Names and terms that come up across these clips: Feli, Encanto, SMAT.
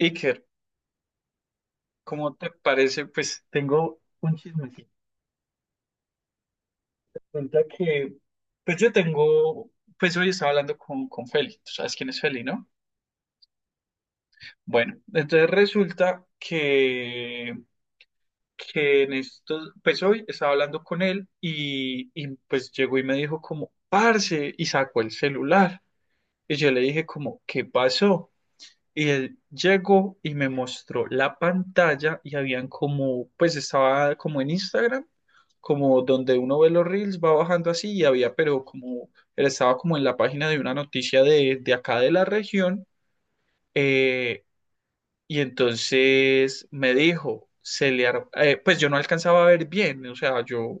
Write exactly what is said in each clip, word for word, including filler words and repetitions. Iker, ¿cómo te parece? Pues tengo un chismecito. Resulta que, pues yo tengo, pues hoy estaba hablando con, con Feli. Tú sabes quién es Feli, ¿no? Bueno, entonces resulta que, que en estos, pues hoy estaba hablando con él y, y pues llegó y me dijo como, parce, y sacó el celular. Y yo le dije como, ¿qué pasó? Y él llegó y me mostró la pantalla y habían como, pues estaba como en Instagram, como donde uno ve los reels, va bajando así y había, pero como, él estaba como en la página de una noticia de, de acá de la región. eh, y entonces me dijo, se le ar- eh, pues yo no alcanzaba a ver bien, o sea, yo,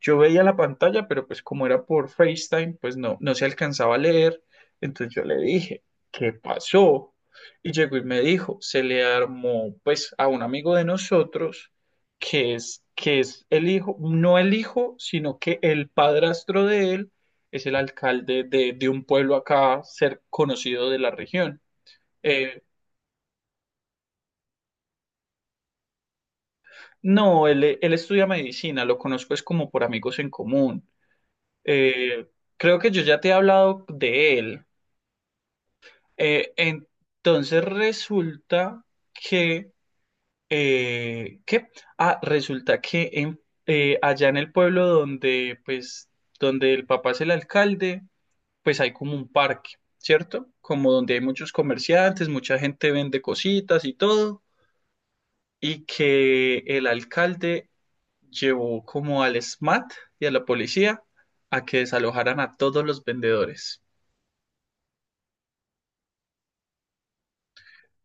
yo veía la pantalla, pero pues como era por FaceTime, pues no, no se alcanzaba a leer. Entonces yo le dije, ¿qué pasó? Y llegó y me dijo, se le armó pues a un amigo de nosotros, que es, que es el hijo, no el hijo, sino que el padrastro de él es el alcalde de, de un pueblo acá, ser conocido de la región. eh, No, él, eh, él estudia medicina, lo conozco es como por amigos en común. Eh, Creo que yo ya te he hablado de él. Eh, entonces resulta que, eh, ¿qué? Ah, resulta que en- eh, allá en el pueblo donde, pues, donde el papá es el alcalde, pues hay como un parque, ¿cierto? Como donde hay muchos comerciantes, mucha gente vende cositas y todo, y que el alcalde llevó como al S M A T y a la policía a que desalojaran a todos los vendedores.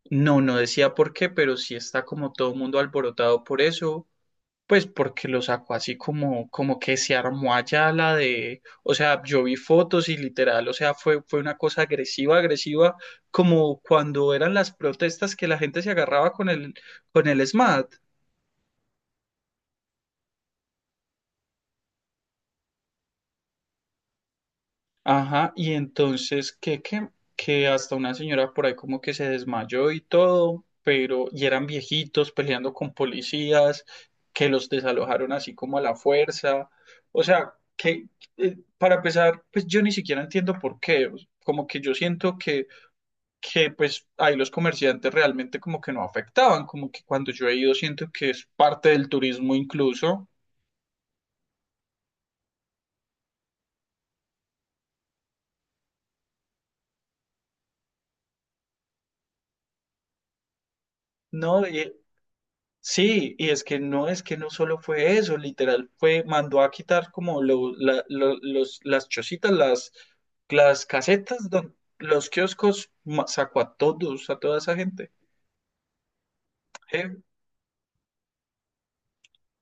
No, no decía por qué, pero sí está como todo el mundo alborotado por eso, pues porque lo sacó así como, como que se armó allá la de, o sea, yo vi fotos y literal, o sea, fue, fue una cosa agresiva, agresiva, como cuando eran las protestas que la gente se agarraba con el, con el S M A T. Ajá, y entonces que, que, que hasta una señora por ahí como que se desmayó y todo, pero y eran viejitos peleando con policías, que los desalojaron así como a la fuerza. O sea, que eh, para empezar, pues yo ni siquiera entiendo por qué. o s- Como que yo siento que, que pues ahí los comerciantes realmente como que no afectaban, como que cuando yo he ido siento que es parte del turismo incluso. ¿No? Sí, y es que no es que no solo fue eso, literal, fue, mandó a quitar como lo- la- lo- los, las chocitas, las, las casetas, don- los kioscos, ma- sacó a todos, a toda esa gente.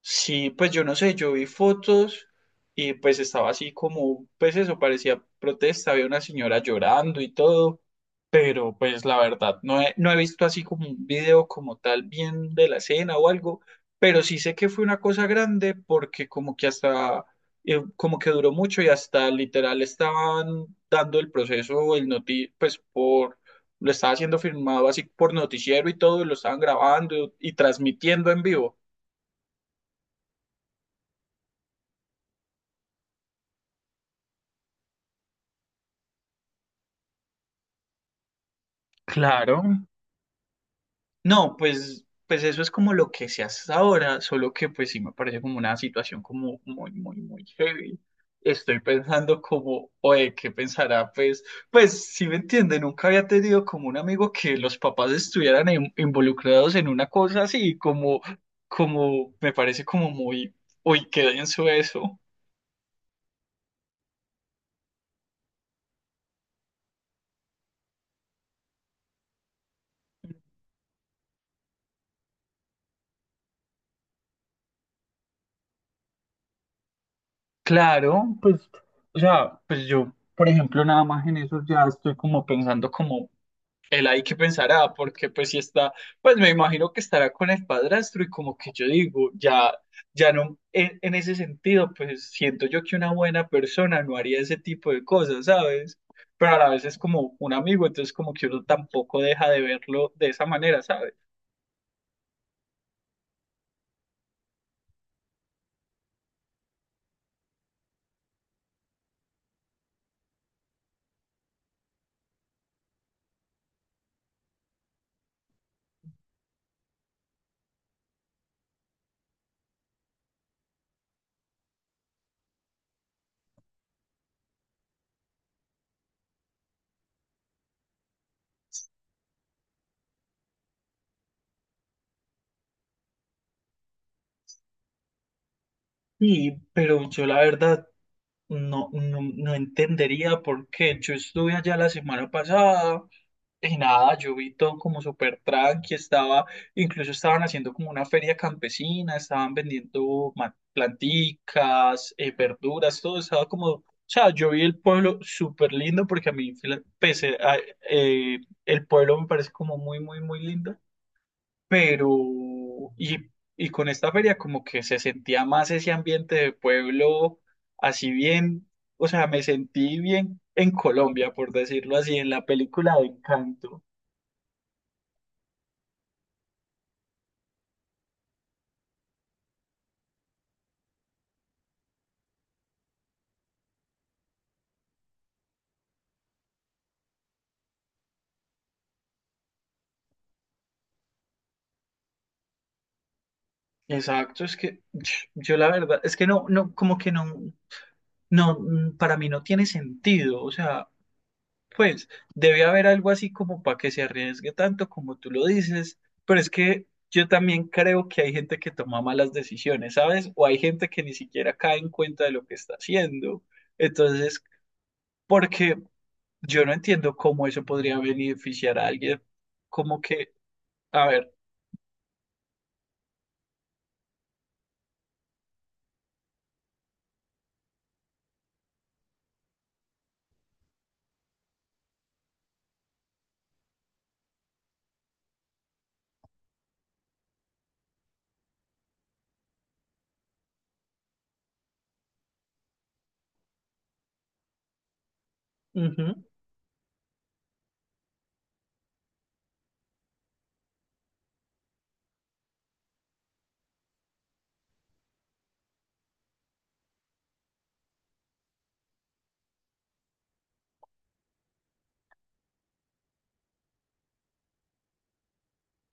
Sí, pues yo no sé, yo vi fotos y pues estaba así como, pues eso parecía protesta, había una señora llorando y todo, pero pues la verdad no he, no he visto así como un video como tal bien de la escena o algo, pero sí sé que fue una cosa grande porque como que hasta, eh, como que duró mucho y hasta literal estaban dando el proceso, el noti, pues por, lo estaba siendo filmado así por noticiero y todo, y lo estaban grabando y transmitiendo en vivo. Claro, no, pues, pues eso es como lo que se hace ahora, solo que pues sí me parece como una situación como muy, muy, muy heavy. Estoy pensando como, oye, ¿qué pensará? Pues, pues si me entiende, nunca había tenido como un amigo que los papás estuvieran in- involucrados en una cosa así, como, como, me parece como muy, uy, qué denso eso. Claro, pues, o sea, pues yo, por ejemplo, nada más en eso ya estoy como pensando como él ahí que pensará, porque pues si está, pues me imagino que estará con el padrastro y como que yo digo, ya, ya no, en, en ese sentido, pues siento yo que una buena persona no haría ese tipo de cosas, ¿sabes? Pero a la vez es como un amigo, entonces como que uno tampoco deja de verlo de esa manera, ¿sabes? Y, pero yo la verdad no, no, no entendería por qué. Yo estuve allá la semana pasada. Y nada, yo vi todo como súper tranqui, estaba, incluso estaban haciendo como una feria campesina, estaban vendiendo ma- planticas, eh, verduras, todo estaba como, o sea, yo vi el pueblo súper lindo porque a mí, fila- pese a- eh, el pueblo me parece como muy, muy, muy lindo, pero, y, y con esta feria como que se sentía más ese ambiente de pueblo, así bien, o sea, me sentí bien en Colombia, por decirlo así, en la película de Encanto. Exacto, es que yo la verdad, es que no, no, como que no, no, mm, para mí no tiene sentido, o sea, pues debe haber algo así como para que se arriesgue tanto como tú lo dices, pero es que yo también creo que hay gente que toma malas decisiones, ¿sabes? O hay gente que ni siquiera cae en cuenta de lo que está haciendo, entonces, porque yo no entiendo cómo eso podría beneficiar a alguien, como que, a ver, ujú,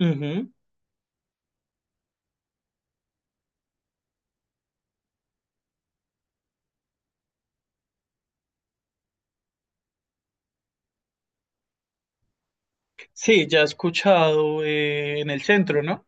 ujú. Sí, ya he escuchado eh, en el centro, ¿no?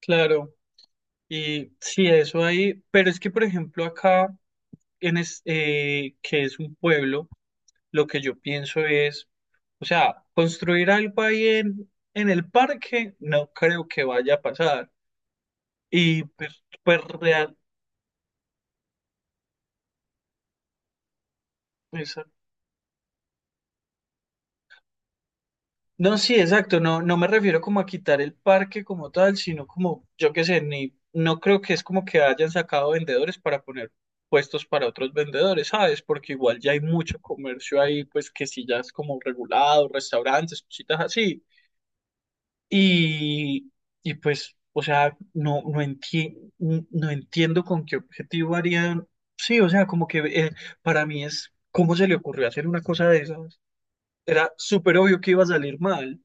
Claro, y sí, eso ahí, pero es que por ejemplo acá, en es, eh, que es un pueblo, lo que yo pienso es, o sea, construir algo ahí en, en el parque no creo que vaya a pasar. Y pues, pues real, pues, no, sí, exacto. No, no me refiero como a quitar el parque como tal, sino como, yo qué sé, ni, no creo que es como que hayan sacado vendedores para poner puestos para otros vendedores, ¿sabes? Porque igual ya hay mucho comercio ahí, pues que sí ya es como regulado, restaurantes, cositas así. Y, y pues, o sea, no, no enti- no entiendo con qué objetivo harían. Sí, o sea, como que eh, para mí es, ¿cómo se le ocurrió hacer una cosa de esas? Era súper obvio que iba a salir mal.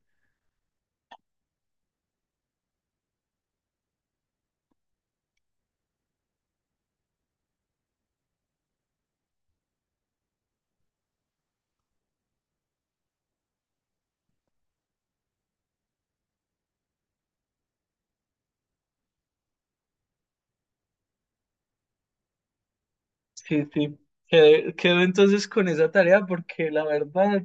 Sí, sí, quedé, quedo entonces con esa tarea porque la verdad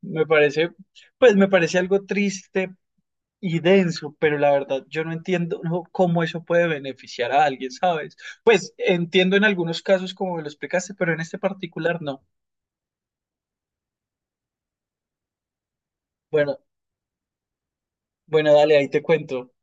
me parece, pues me parece algo triste y denso, pero la verdad yo no entiendo no, cómo eso puede beneficiar a alguien, ¿sabes? Pues entiendo en algunos casos como me lo explicaste, pero en este particular no. Bueno, bueno, dale, ahí te cuento.